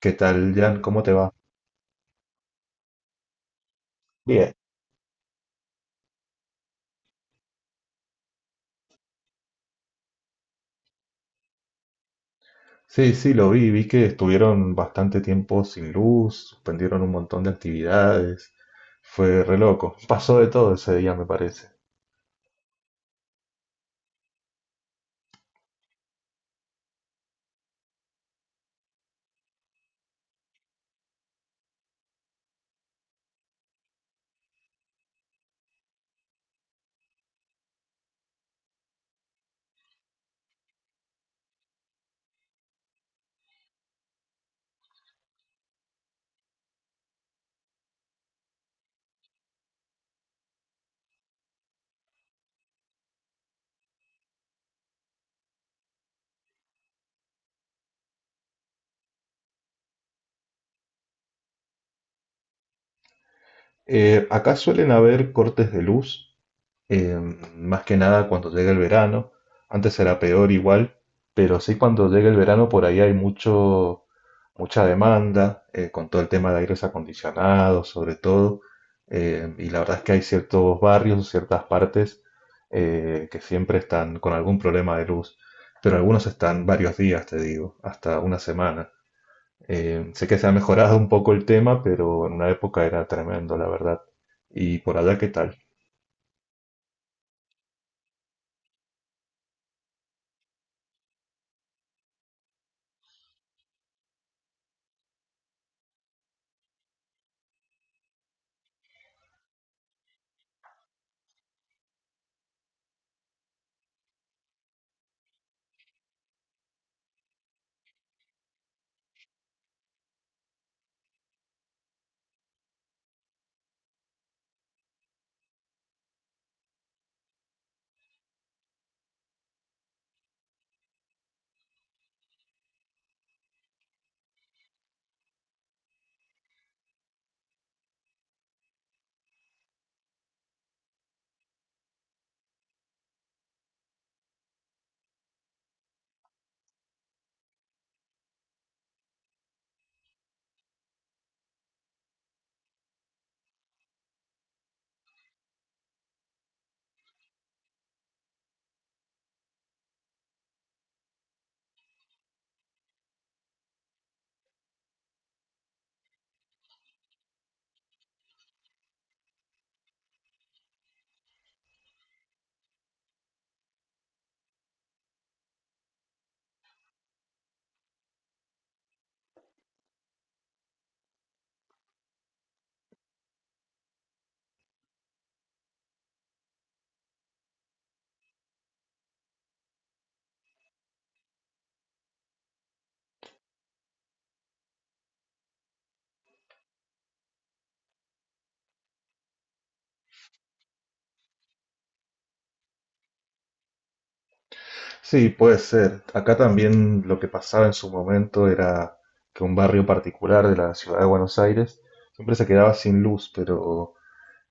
¿Qué tal, Jan? ¿Cómo te va? Bien. Sí, sí, lo vi, vi que estuvieron bastante tiempo sin luz, suspendieron un montón de actividades, fue re loco, pasó de todo ese día me parece. Acá suelen haber cortes de luz, eh, más que nada cuando llegue el verano. Antes era peor igual, pero sí cuando llegue el verano por ahí hay mucha demanda, con todo el tema de aires acondicionados, sobre todo. Y la verdad es que hay ciertos barrios, ciertas partes, que siempre están con algún problema de luz, pero algunos están varios días, te digo, hasta una semana. Sé que se ha mejorado un poco el tema, pero en una época era tremendo, la verdad. ¿Y por allá qué tal? Sí, puede ser. Acá también lo que pasaba en su momento era que un barrio particular de la ciudad de Buenos Aires siempre se quedaba sin luz, pero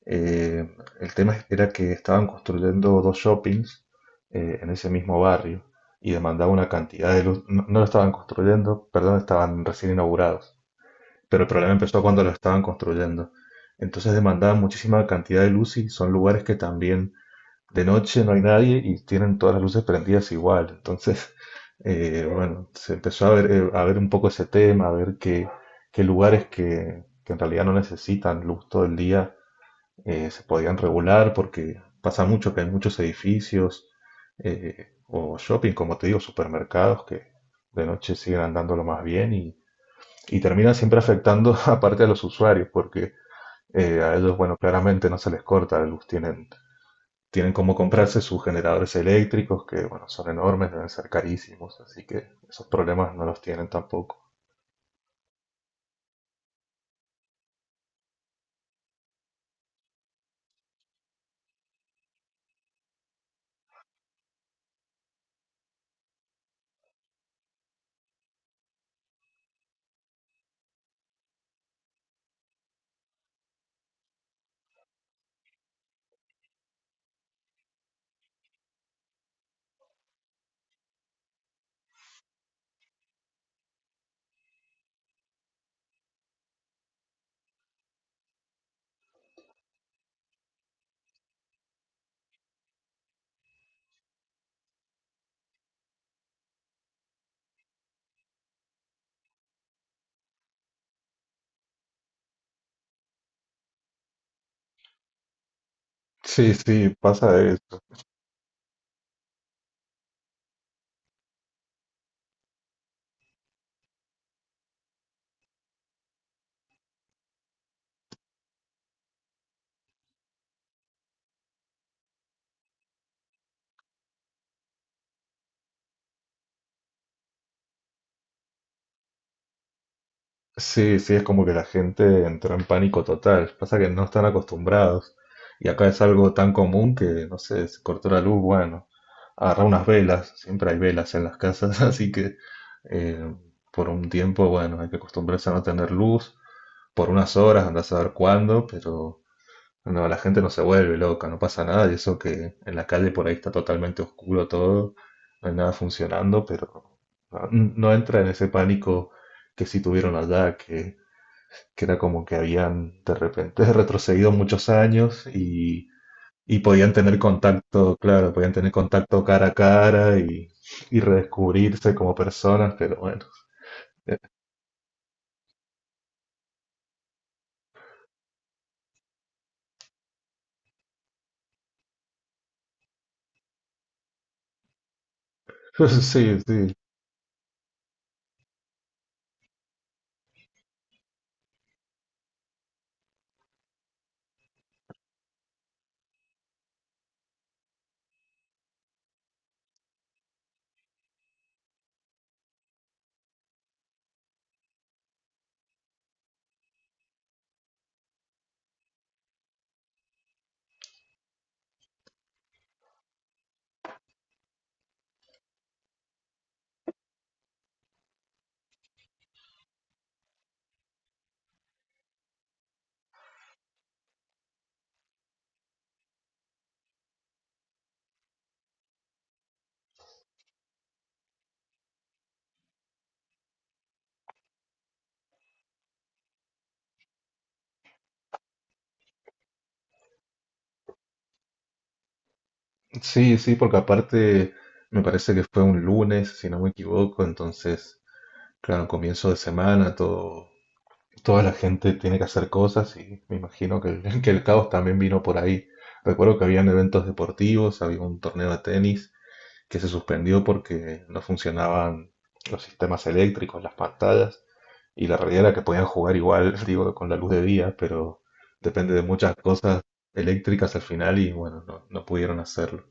el tema era que estaban construyendo dos shoppings en ese mismo barrio y demandaba una cantidad de luz. No, no lo estaban construyendo, perdón, estaban recién inaugurados, pero el problema empezó cuando lo estaban construyendo. Entonces demandaban muchísima cantidad de luz y son lugares que también de noche no hay nadie y tienen todas las luces prendidas igual. Entonces, bueno, se empezó a ver un poco ese tema, a qué lugares que en realidad no necesitan luz todo el día, se podían regular porque pasa mucho que hay muchos edificios, o shopping, como te digo, supermercados que de noche siguen andándolo más bien, y terminan siempre afectando aparte a los usuarios porque, a ellos, bueno, claramente no se les corta la luz, tienen como comprarse sus generadores eléctricos, que bueno, son enormes, deben ser carísimos, así que esos problemas no los tienen tampoco. Sí, sí, pasa eso. Sí, sí, es como que la gente entró en pánico total. Pasa que no están acostumbrados. Y acá es algo tan común que, no sé, se cortó la luz, bueno, agarra unas velas, siempre hay velas en las casas, así que, eh, por un tiempo, bueno, hay que acostumbrarse a no tener luz, por unas horas, andás a saber cuándo, pero no, la gente no se vuelve loca, no pasa nada, y eso que en la calle por ahí está totalmente oscuro todo, no hay nada funcionando, pero no, no entra en ese pánico que sí tuvieron allá, que era como que habían de repente retrocedido muchos años, y podían tener contacto, claro, podían tener contacto cara a cara, y redescubrirse como personas, pero bueno, sí, sí, sí, sí, porque aparte me parece que fue un lunes, si no me equivoco, entonces claro, comienzo de semana, todo, toda la gente tiene que hacer cosas y me imagino que el que el caos también vino por ahí. Recuerdo que habían eventos deportivos, había un torneo de tenis que se suspendió porque no funcionaban los sistemas eléctricos, las pantallas, y la realidad era que podían jugar igual, digo, con la luz de día, pero depende de muchas cosas eléctricas al final y bueno, no, no pudieron hacerlo.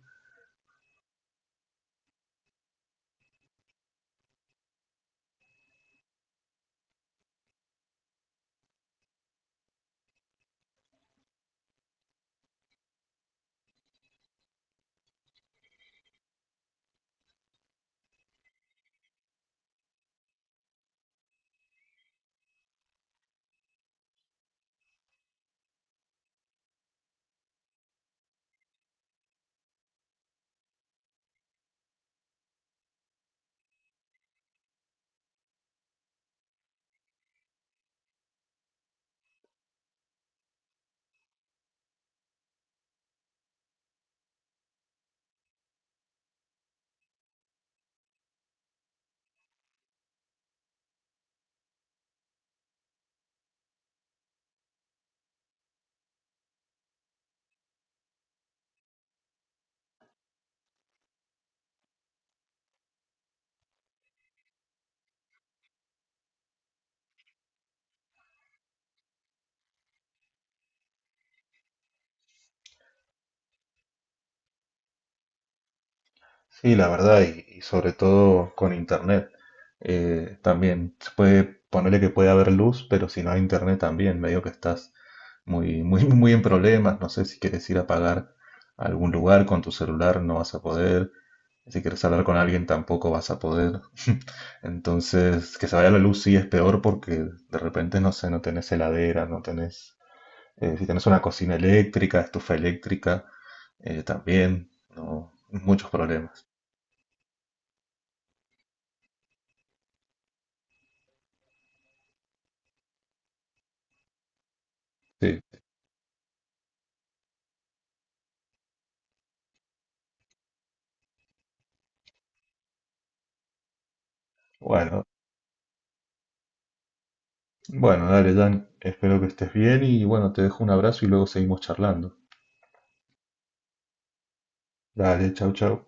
Sí, la verdad, y sobre todo con internet. También se puede ponerle que puede haber luz, pero si no hay internet también, medio que estás muy, muy en problemas. No sé si quieres ir a pagar a algún lugar con tu celular, no vas a poder. Si quieres hablar con alguien, tampoco vas a poder. Entonces, que se vaya la luz sí es peor porque de repente, no sé, no tenés heladera, no tenés. Si tenés una cocina eléctrica, estufa eléctrica, también, no, muchos problemas. Sí. Bueno, bueno, dale, Dan, espero que estés bien y bueno, te dejo un abrazo y luego seguimos charlando. Dale, chau, chau.